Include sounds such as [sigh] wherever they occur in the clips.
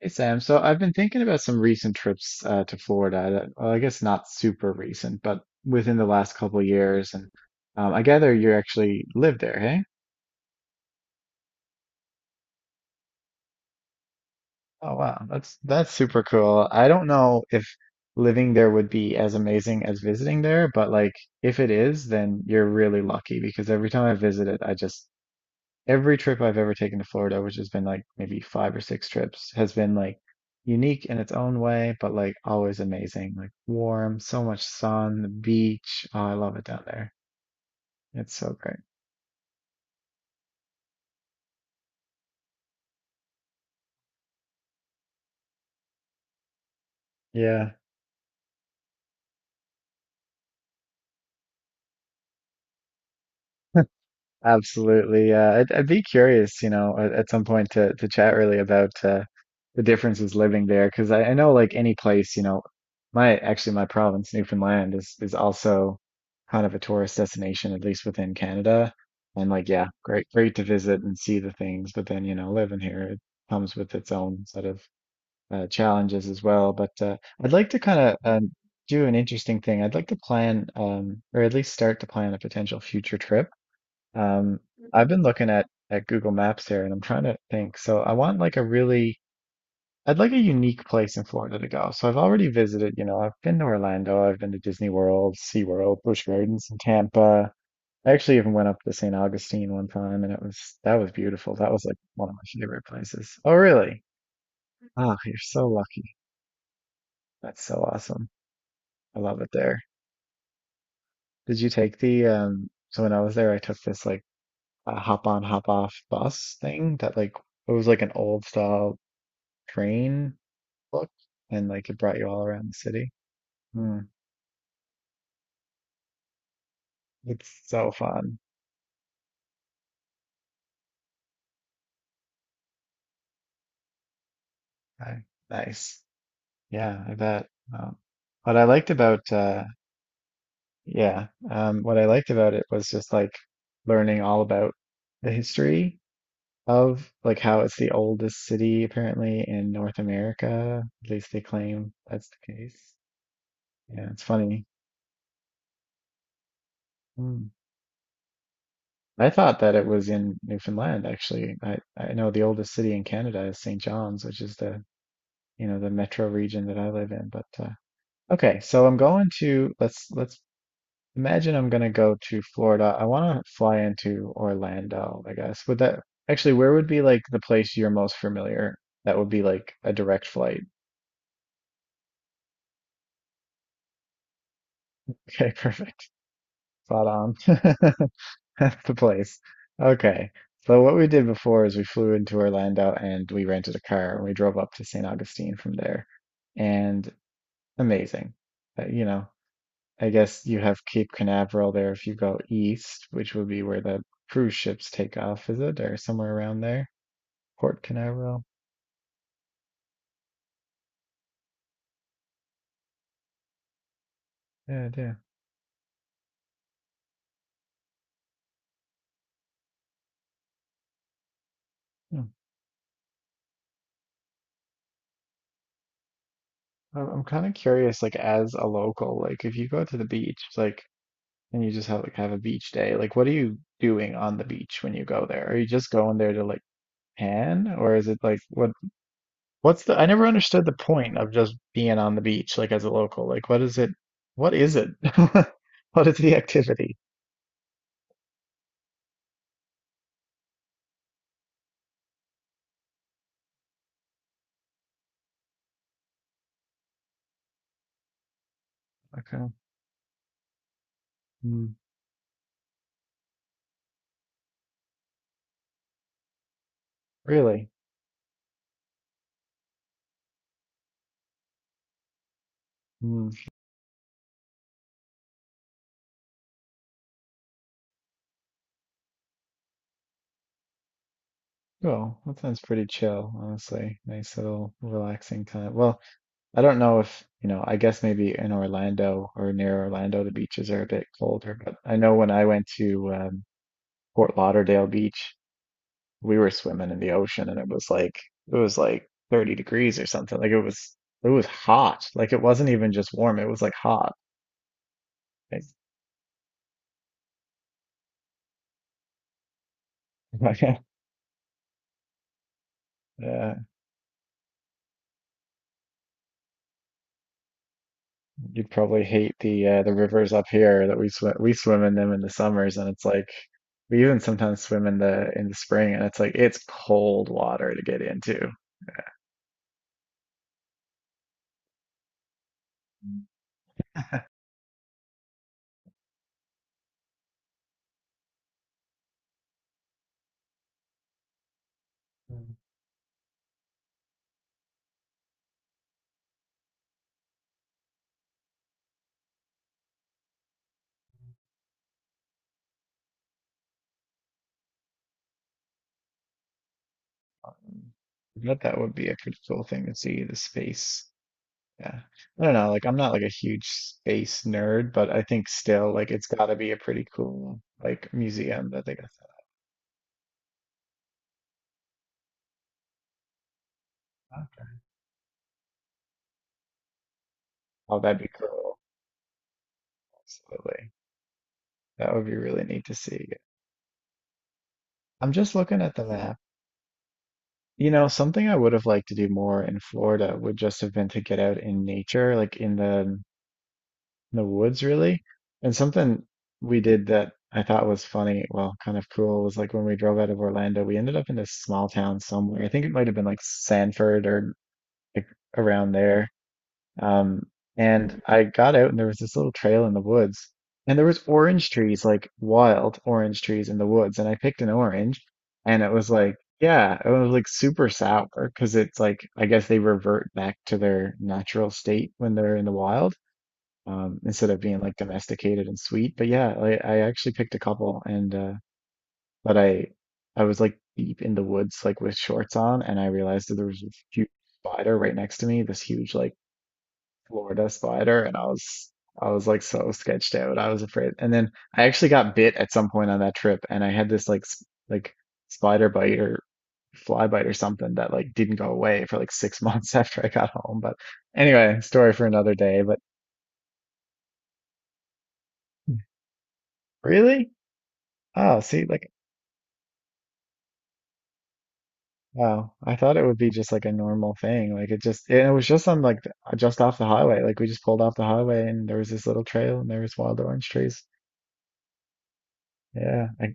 Hey Sam, so I've been thinking about some recent trips to Florida. Well, I guess not super recent, but within the last couple of years. And I gather you actually live there, hey? Oh wow, that's super cool. I don't know if living there would be as amazing as visiting there, but like if it is, then you're really lucky because every time I visit it, I just every trip I've ever taken to Florida, which has been like maybe five or six trips, has been like unique in its own way, but like always amazing. Like warm, so much sun, the beach. Oh, I love it down there. It's so great. Yeah. Absolutely. I'd be curious, you know, at some point to chat really about the differences living there, because I know like any place, you know, my actually my province, Newfoundland, is also kind of a tourist destination, at least within Canada. And like, yeah, great to visit and see the things, but then, you know, living here, it comes with its own set of challenges as well. But I'd like to do an interesting thing. I'd like to plan, or at least start to plan a potential future trip um, I've been looking at Google Maps here, and I'm trying to think. I'd like a unique place in Florida to go. So I've already visited, you know, I've been to Orlando, I've been to Disney World, SeaWorld, Busch Gardens in Tampa. I actually even went up to St. Augustine one time, and it was that was beautiful. That was like one of my favorite places. Oh, really? Ah, you're so lucky. That's so awesome. I love it there. Did you take the So when I was there, I took this like a hop on, hop off bus thing that like it was like an old style train look, and like it brought you all around the city. Hmm, it's so fun. I, Nice. Yeah, I bet. Um, what I liked about Yeah, what I liked about it was just like learning all about the history of like how it's the oldest city apparently in North America. At least they claim that's the case. Yeah, it's funny. Hmm. I thought that it was in Newfoundland actually. I know the oldest city in Canada is St. John's, which is the metro region that I live in. But Okay, so I'm going to let's imagine I'm going to go to Florida. I want to fly into Orlando, I guess. Would that Actually, where would be like the place you're most familiar? That would be like a direct flight. Okay, [laughs] perfect. Spot on. [laughs] That's the place. Okay. So what we did before is we flew into Orlando and we rented a car and we drove up to St. Augustine from there. And amazing. You know, I guess you have Cape Canaveral there if you go east, which would be where the cruise ships take off, is it? Or somewhere around there? Port Canaveral. Yeah, yeah. Hmm. I'm kind of curious, like as a local, like if you go to the beach, like and you just have a beach day, like what are you doing on the beach when you go there? Are you just going there to like pan, or is it like what's the I never understood the point of just being on the beach, like as a local. Like what is it? What is it? [laughs] What is the activity? Okay. Really? Hmm. Well, that sounds pretty chill, honestly. Nice little relaxing time. Well, I don't know if, you know, I guess maybe in Orlando or near Orlando, the beaches are a bit colder, but I know when I went to Fort Lauderdale Beach, we were swimming in the ocean and it was like 30 degrees or something. It was hot. Like it wasn't even just warm, it was like hot. Like, [laughs] yeah. You'd probably hate the rivers up here that we swim in them in the summers and it's like we even sometimes swim in the spring and it's like it's cold water to get into. Mm. But that would be a pretty cool thing to see the space. Yeah. I don't know, like I'm not like a huge space nerd, but I think still like it's gotta be a pretty cool like museum that they got set up. Oh, that'd be cool. Absolutely. That would be really neat to see. I'm just looking at the map. You know, something I would have liked to do more in Florida would just have been to get out in nature, like in the woods, really. And something we did that I thought was funny, well, kind of cool, was like when we drove out of Orlando, we ended up in this small town somewhere. I think it might have been like Sanford or like around there. Um, and I got out and there was this little trail in the woods and there was orange trees, like wild orange trees in the woods. And I picked an orange and it was like, yeah, it was like super sour because it's like, I guess they revert back to their natural state when they're in the wild, instead of being like domesticated and sweet. But yeah, I actually picked a couple, and, but I, I was like deep in the woods, like with shorts on, and I realized that there was a huge spider right next to me, this huge, like, Florida spider, and I was like so sketched out. I was afraid. And then I actually got bit at some point on that trip and I had this like like spider bite or fly bite or something that like didn't go away for like six [laughs] months after I got home. But anyway, story for another day. But really? Oh, see, like wow. I thought it would be just like a normal thing. It was just on like just off the highway. Like we just pulled off the highway and there was this little trail and there was wild orange trees. Yeah, I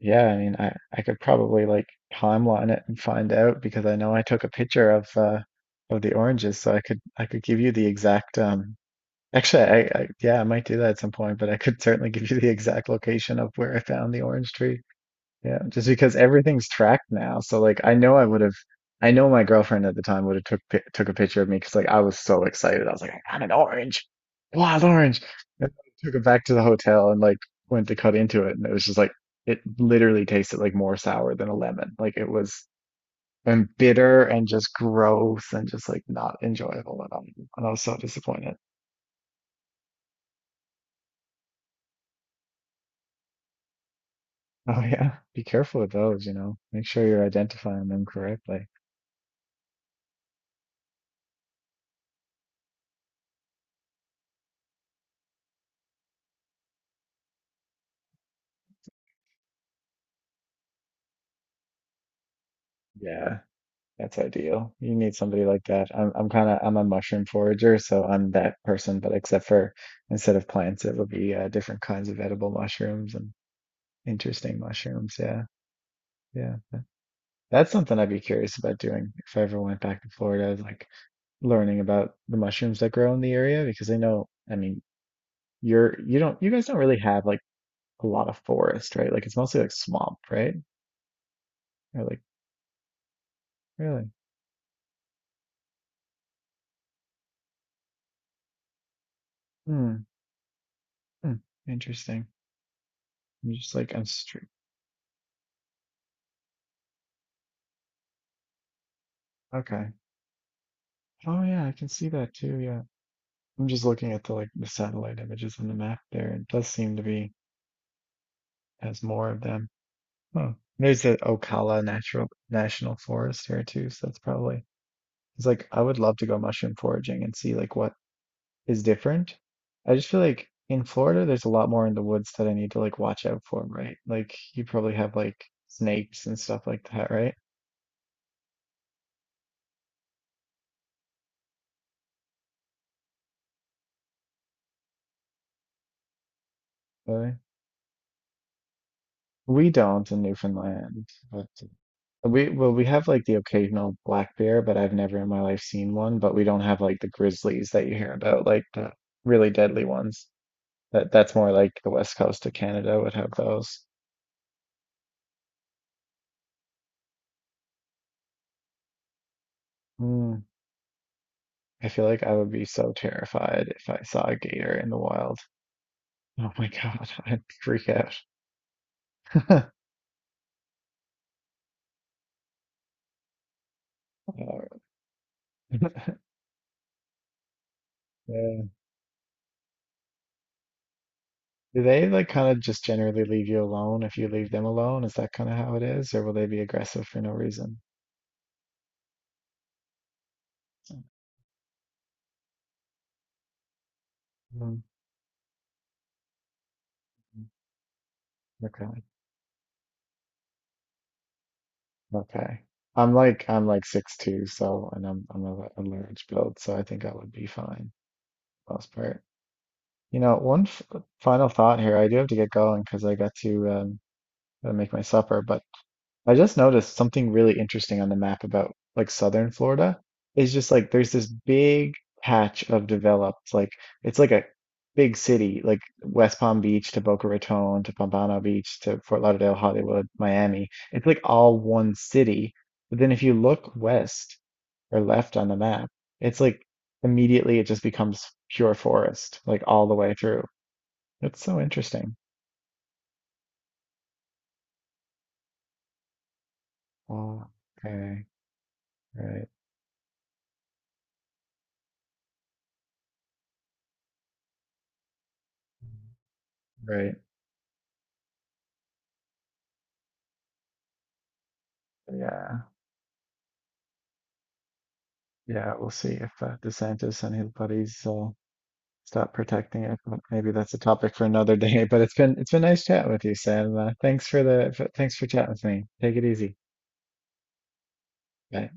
Yeah, I mean, I could probably like timeline it and find out because I know I took a picture of the oranges, so I could give you the exact actually, I, yeah, I might do that at some point, but I could certainly give you the exact location of where I found the orange tree. Yeah, just because everything's tracked now. So like I know I would have I know my girlfriend at the time would have took took a picture of me because like I was so excited. I was like, I got an orange, wild orange. And I took it back to the hotel and like went to cut into it and it was just like it literally tasted like more sour than a lemon. Like it was and bitter and just gross and just like not enjoyable at all. And I was so disappointed. Oh yeah. Be careful with those, you know. Make sure you're identifying them correctly. Yeah. That's ideal. You need somebody like that. I'm kind of I'm a mushroom forager, so I'm that person, but except for instead of plants, it would be different kinds of edible mushrooms and interesting mushrooms. Yeah, yeah. That's something I'd be curious about doing if I ever went back to Florida, is, like, learning about the mushrooms that grow in the area because I know, I mean, you don't you guys don't really have like a lot of forest, right? Like it's mostly like swamp, right? Or like really? Hmm. Hmm. Interesting. I'm just like I'm str Okay. Oh yeah, I can see that too. Yeah. I'm just looking at the like the satellite images on the map there. It does seem to be has more of them. Huh. There's the Ocala Natural National Forest here too, so that's probably it's like I would love to go mushroom foraging and see like what is different. I just feel like in Florida there's a lot more in the woods that I need to like watch out for, right? Like you probably have like snakes and stuff like that, right? Really? We don't in Newfoundland, but We well, we have like the occasional black bear, but I've never in my life seen one. But we don't have like the grizzlies that you hear about, like the really deadly ones. That's more like the west coast of Canada would have those. Mm, I feel like I would be so terrified if I saw a gator in the wild. Oh my God, [laughs] I'd freak out. [laughs] Uh, [laughs] yeah. Do they like kind of just generally leave you alone if you leave them alone? Is that kind of how it is, or will they be aggressive for no reason? Mm, okay. Okay. I'm like 6'2", so, and I'm a, a large build, so I think I would be fine for the most part. You know, one f final thought here. I do have to get going because I got to gotta make my supper, but I just noticed something really interesting on the map about like southern Florida. It's just like there's this big patch of developed, like it's like a big city, like West Palm Beach to Boca Raton to Pompano Beach to Fort Lauderdale, Hollywood, Miami. It's like all one city. But then if you look west or left on the map, it's like immediately it just becomes pure forest, like all the way through. It's so interesting. Oh, okay, right, right. Yeah. Yeah, we'll see if DeSantis and his buddies stop protecting it. But maybe that's a topic for another [laughs] day. But it's been nice chatting with you, Sam. Thanks for thanks for chatting with me. Take it easy. Bye.